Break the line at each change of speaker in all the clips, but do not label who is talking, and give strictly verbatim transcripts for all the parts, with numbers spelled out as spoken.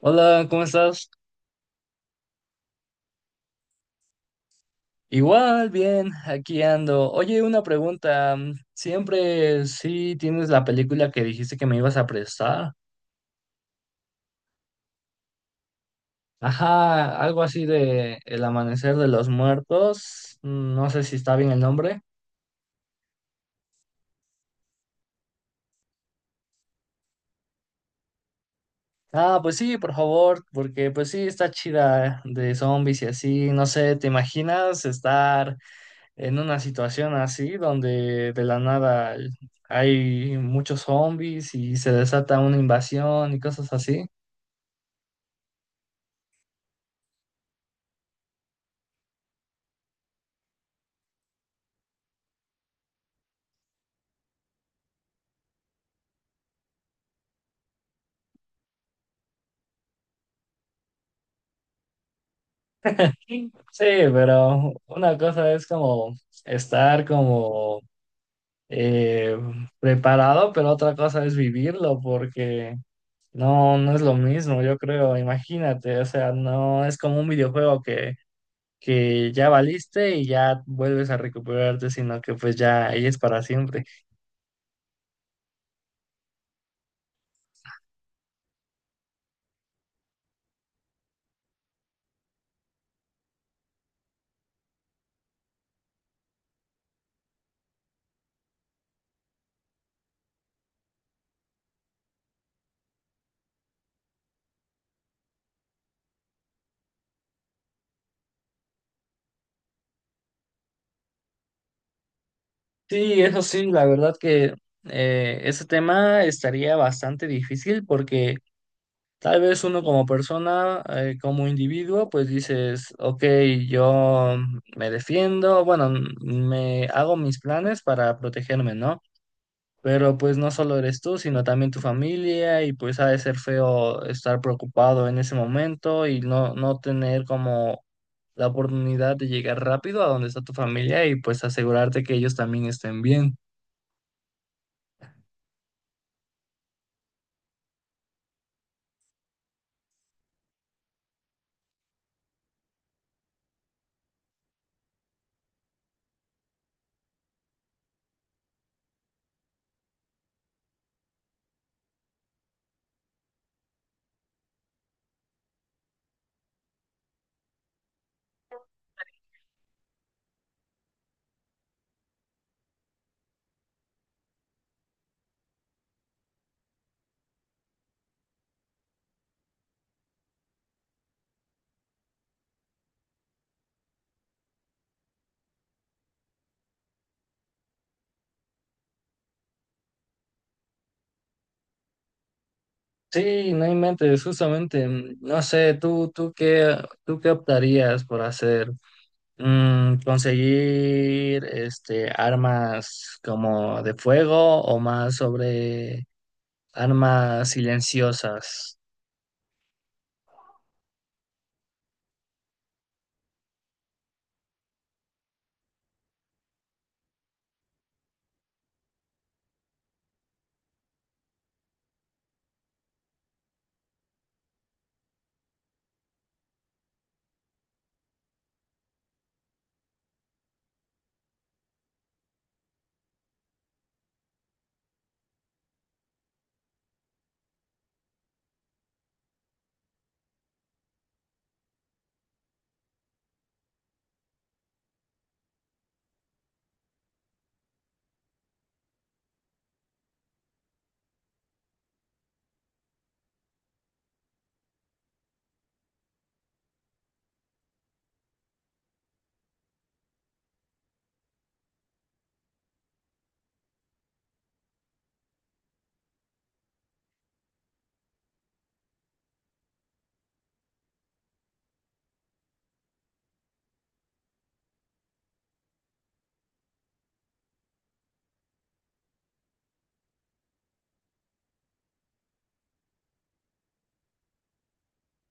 Hola, ¿cómo estás? Igual, bien, aquí ando. Oye, una pregunta. mm, ¿Siempre sí tienes la película que dijiste que me ibas a prestar? Ajá, algo así de El Amanecer de los Muertos. mm, No sé si está bien el nombre. Ah, pues sí, por favor, porque pues sí, está chida de zombies y así. No sé, ¿te imaginas estar en una situación así donde de la nada hay muchos zombies y se desata una invasión y cosas así? Sí, pero una cosa es como estar como eh, preparado, pero otra cosa es vivirlo, porque no, no es lo mismo, yo creo, imagínate, o sea, no es como un videojuego que, que ya valiste y ya vuelves a recuperarte, sino que pues ya ahí es para siempre. Sí, eso sí, la verdad que eh, ese tema estaría bastante difícil porque... Tal vez uno como persona, eh, como individuo, pues dices, ok, yo me defiendo, bueno, m- me hago mis planes para protegerme, ¿no? Pero pues no solo eres tú, sino también tu familia y pues ha de ser feo estar preocupado en ese momento y no, no tener como la oportunidad de llegar rápido a donde está tu familia y pues asegurarte que ellos también estén bien. Sí, no inventes, justamente, mm, no sé, tú, tú qué, tú qué optarías por hacer. Mm, conseguir este armas como de fuego o más sobre armas silenciosas.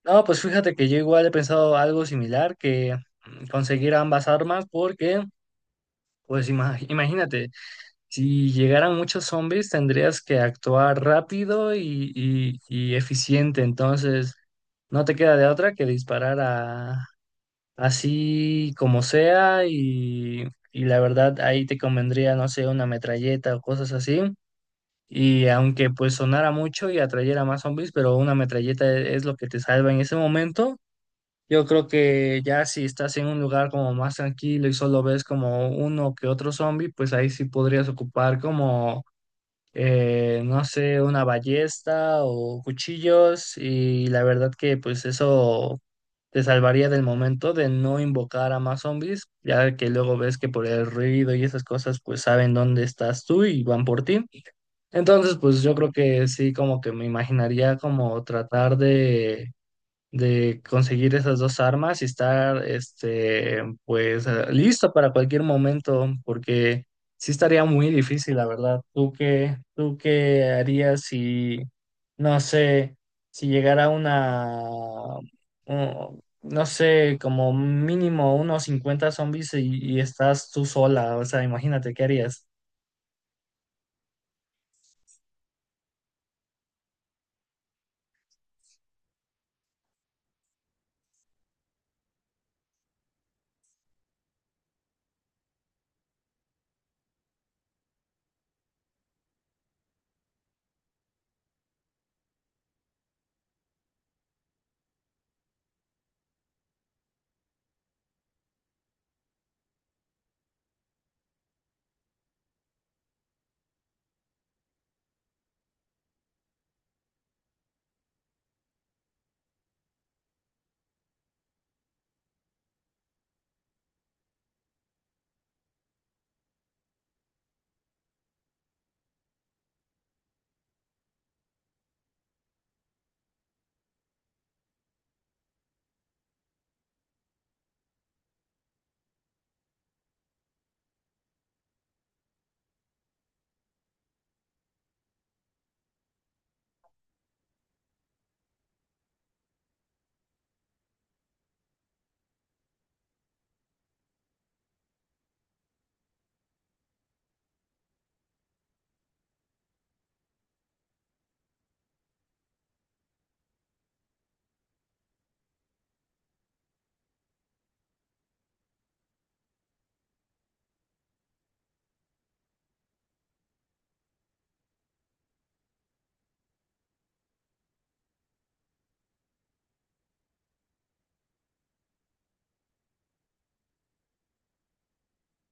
No, pues fíjate que yo igual he pensado algo similar que mm, conseguir ambas armas porque, pues ima- imagínate, si llegaran muchos zombies tendrías que actuar rápido y, y y eficiente, entonces no te queda de otra que disparar a así como sea y, y la verdad ahí te convendría, no sé, una metralleta o cosas así. Y aunque pues sonara mucho y atrayera más zombies, pero una metralleta e- es lo que te salva en ese momento. Yo creo que ya si estás en un lugar como más tranquilo y solo ves como uno que otro zombie, pues ahí sí podrías ocupar como eh, no sé, una ballesta o cuchillos y la verdad que pues eso te salvaría del momento de no invocar a más zombies, ya que luego ves que por el ruido y esas cosas pues saben dónde estás tú y van por ti. Entonces pues yo creo que sí como que me imaginaría como tratar de de conseguir esas dos armas y estar, este, pues, eh, listo para cualquier momento, porque sí estaría muy difícil, la verdad. ¿Tú qué, tú qué harías si, no sé, si llegara una, un- no sé, como mínimo unos cincuenta zombies y, y estás tú sola? O sea, imagínate, ¿qué harías?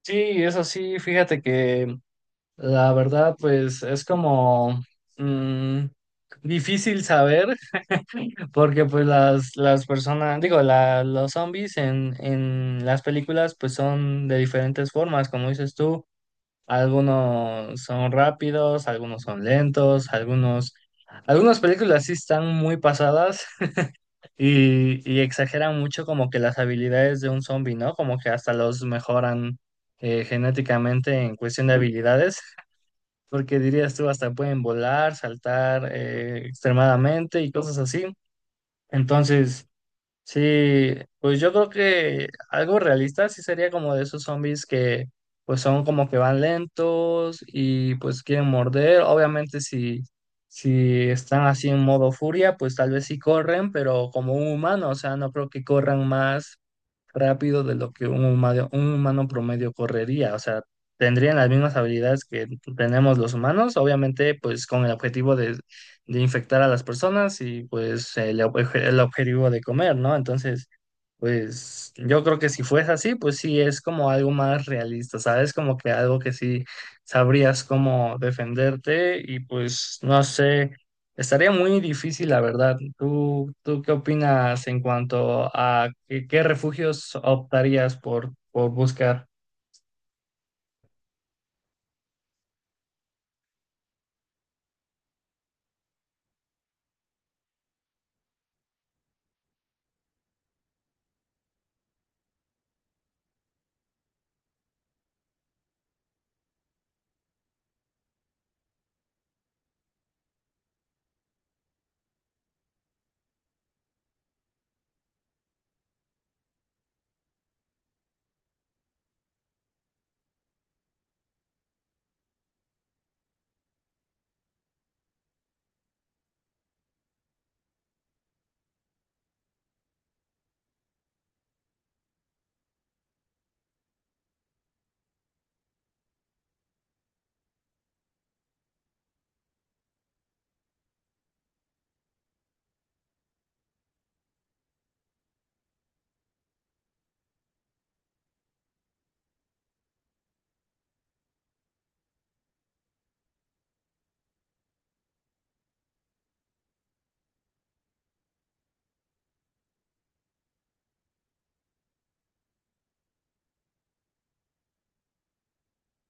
Sí, eso sí, fíjate que la verdad, pues, es como... mm, difícil saber, porque pues las, las personas, digo, la- los zombies en, en las películas pues son de diferentes formas, como dices tú, algunos son rápidos, algunos son lentos, algunos, algunas películas sí están muy pasadas y, y exageran mucho como que las habilidades de un zombie, ¿no? Como que hasta los mejoran eh, genéticamente en cuestión de habilidades, porque dirías tú, hasta pueden volar, saltar eh, extremadamente y cosas así. Entonces... Sí, pues yo creo que algo realista sí sería como de esos zombies que pues son como que van lentos y pues quieren morder. Obviamente si, si están así en modo furia, pues tal vez sí corren, pero como un humano, o sea, no creo que corran más rápido de lo que un humano, un humano promedio correría. O sea, tendrían las mismas habilidades que tenemos los humanos, obviamente, pues con el objetivo de, de infectar a las personas y pues el, obje- el objetivo de comer, ¿no? Entonces, pues yo creo que si fuese así, pues sí es como algo más realista, ¿sabes? Como que algo que sí sabrías cómo defenderte y pues no sé, estaría muy difícil, la verdad. ¿Tú, tú qué opinas en cuanto a qué, qué refugios optarías por, por buscar?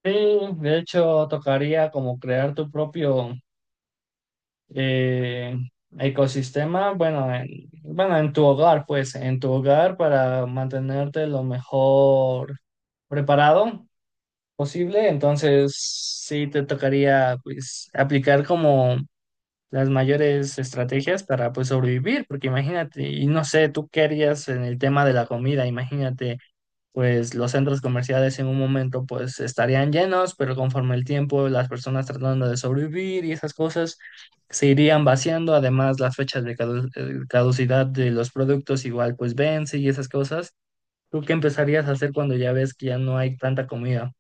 Sí, de hecho tocaría como crear tu propio eh, ecosistema, bueno, en, bueno, en tu hogar, pues, en tu hogar para mantenerte lo mejor preparado posible. Entonces, sí te tocaría, pues, aplicar como las mayores estrategias para, pues, sobrevivir, porque imagínate, y no sé, tú qué harías en el tema de la comida, imagínate pues los centros comerciales en un momento pues estarían llenos, pero conforme el tiempo, las personas tratando de sobrevivir y esas cosas se irían vaciando, además las fechas de cadu- eh, caducidad de los productos igual pues vence y esas cosas. ¿Tú qué empezarías a hacer cuando ya ves que ya no hay tanta comida?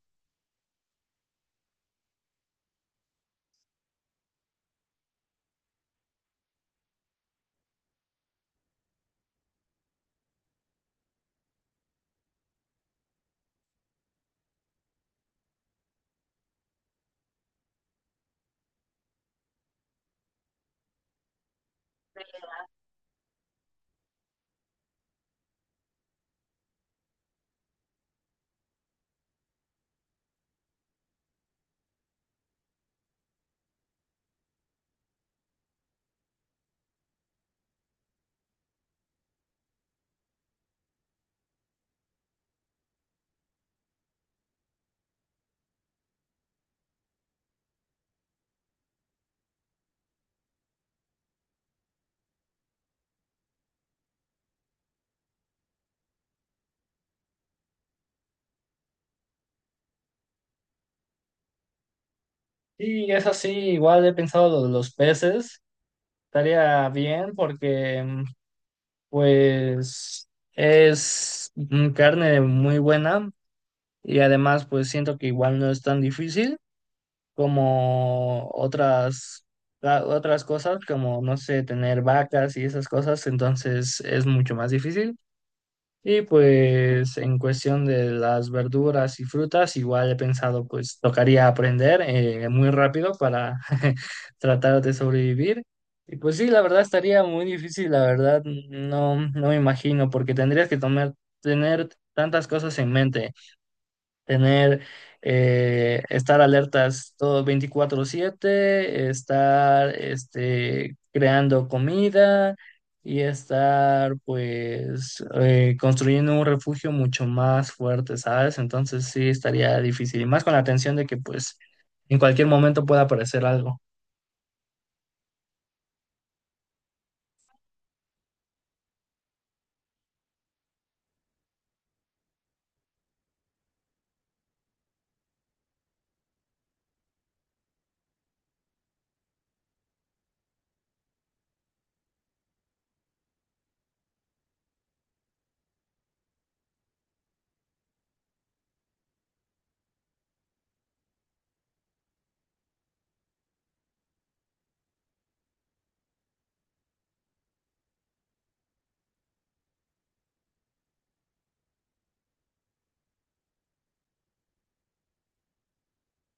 Y es así, igual he pensado lo de los peces, estaría bien porque mm, pues es mm, carne muy buena y además pues siento que igual no es tan difícil, como otras, a- otras cosas, como, no sé, tener vacas y esas cosas, entonces es mucho más difícil. Y pues en cuestión de las verduras y frutas, igual he pensado, pues tocaría aprender eh, muy rápido para tratar de sobrevivir. Y pues sí, la verdad estaría muy difícil, la verdad, no, no me imagino, porque tendrías que tomar, tener tantas cosas en mente, tener, eh, estar alertas todo veinticuatro siete, estar este, creando comida y estar pues eh, construyendo un refugio mucho más fuerte, ¿sabes? Entonces sí estaría difícil y más con la tensión de que pues en cualquier momento pueda aparecer algo.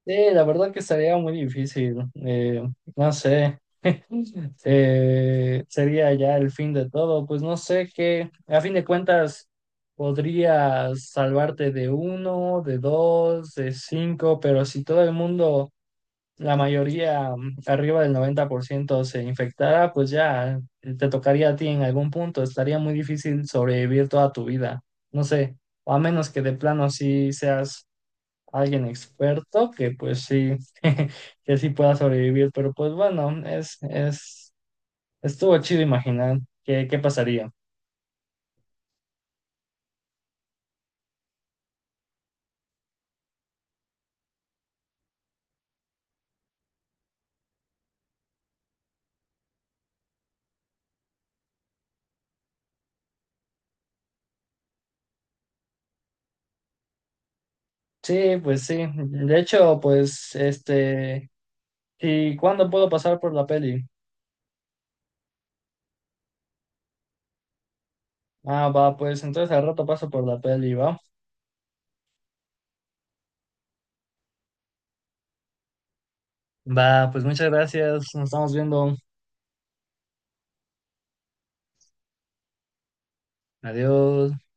Sí, la verdad que estaría muy difícil. Eh, no sé. Eh, sería ya el fin de todo. Pues no sé qué, a fin de cuentas, podrías salvarte de uno, de dos, de cinco, pero si todo el mundo, la mayoría mm, arriba del noventa por ciento se infectara, pues ya eh, te tocaría a ti en algún punto. Estaría muy difícil sobrevivir toda tu vida. No sé, o a menos que de plano sí seas alguien experto, que pues sí, que sí pueda sobrevivir, pero pues bueno, es, es Estuvo chido imaginar qué, qué pasaría. Sí, pues sí. De hecho, pues, este, ¿y cuándo puedo pasar por la peli? Ah, va, pues entonces al rato paso por la peli, va. Va, pues muchas gracias. Nos estamos viendo. Adiós.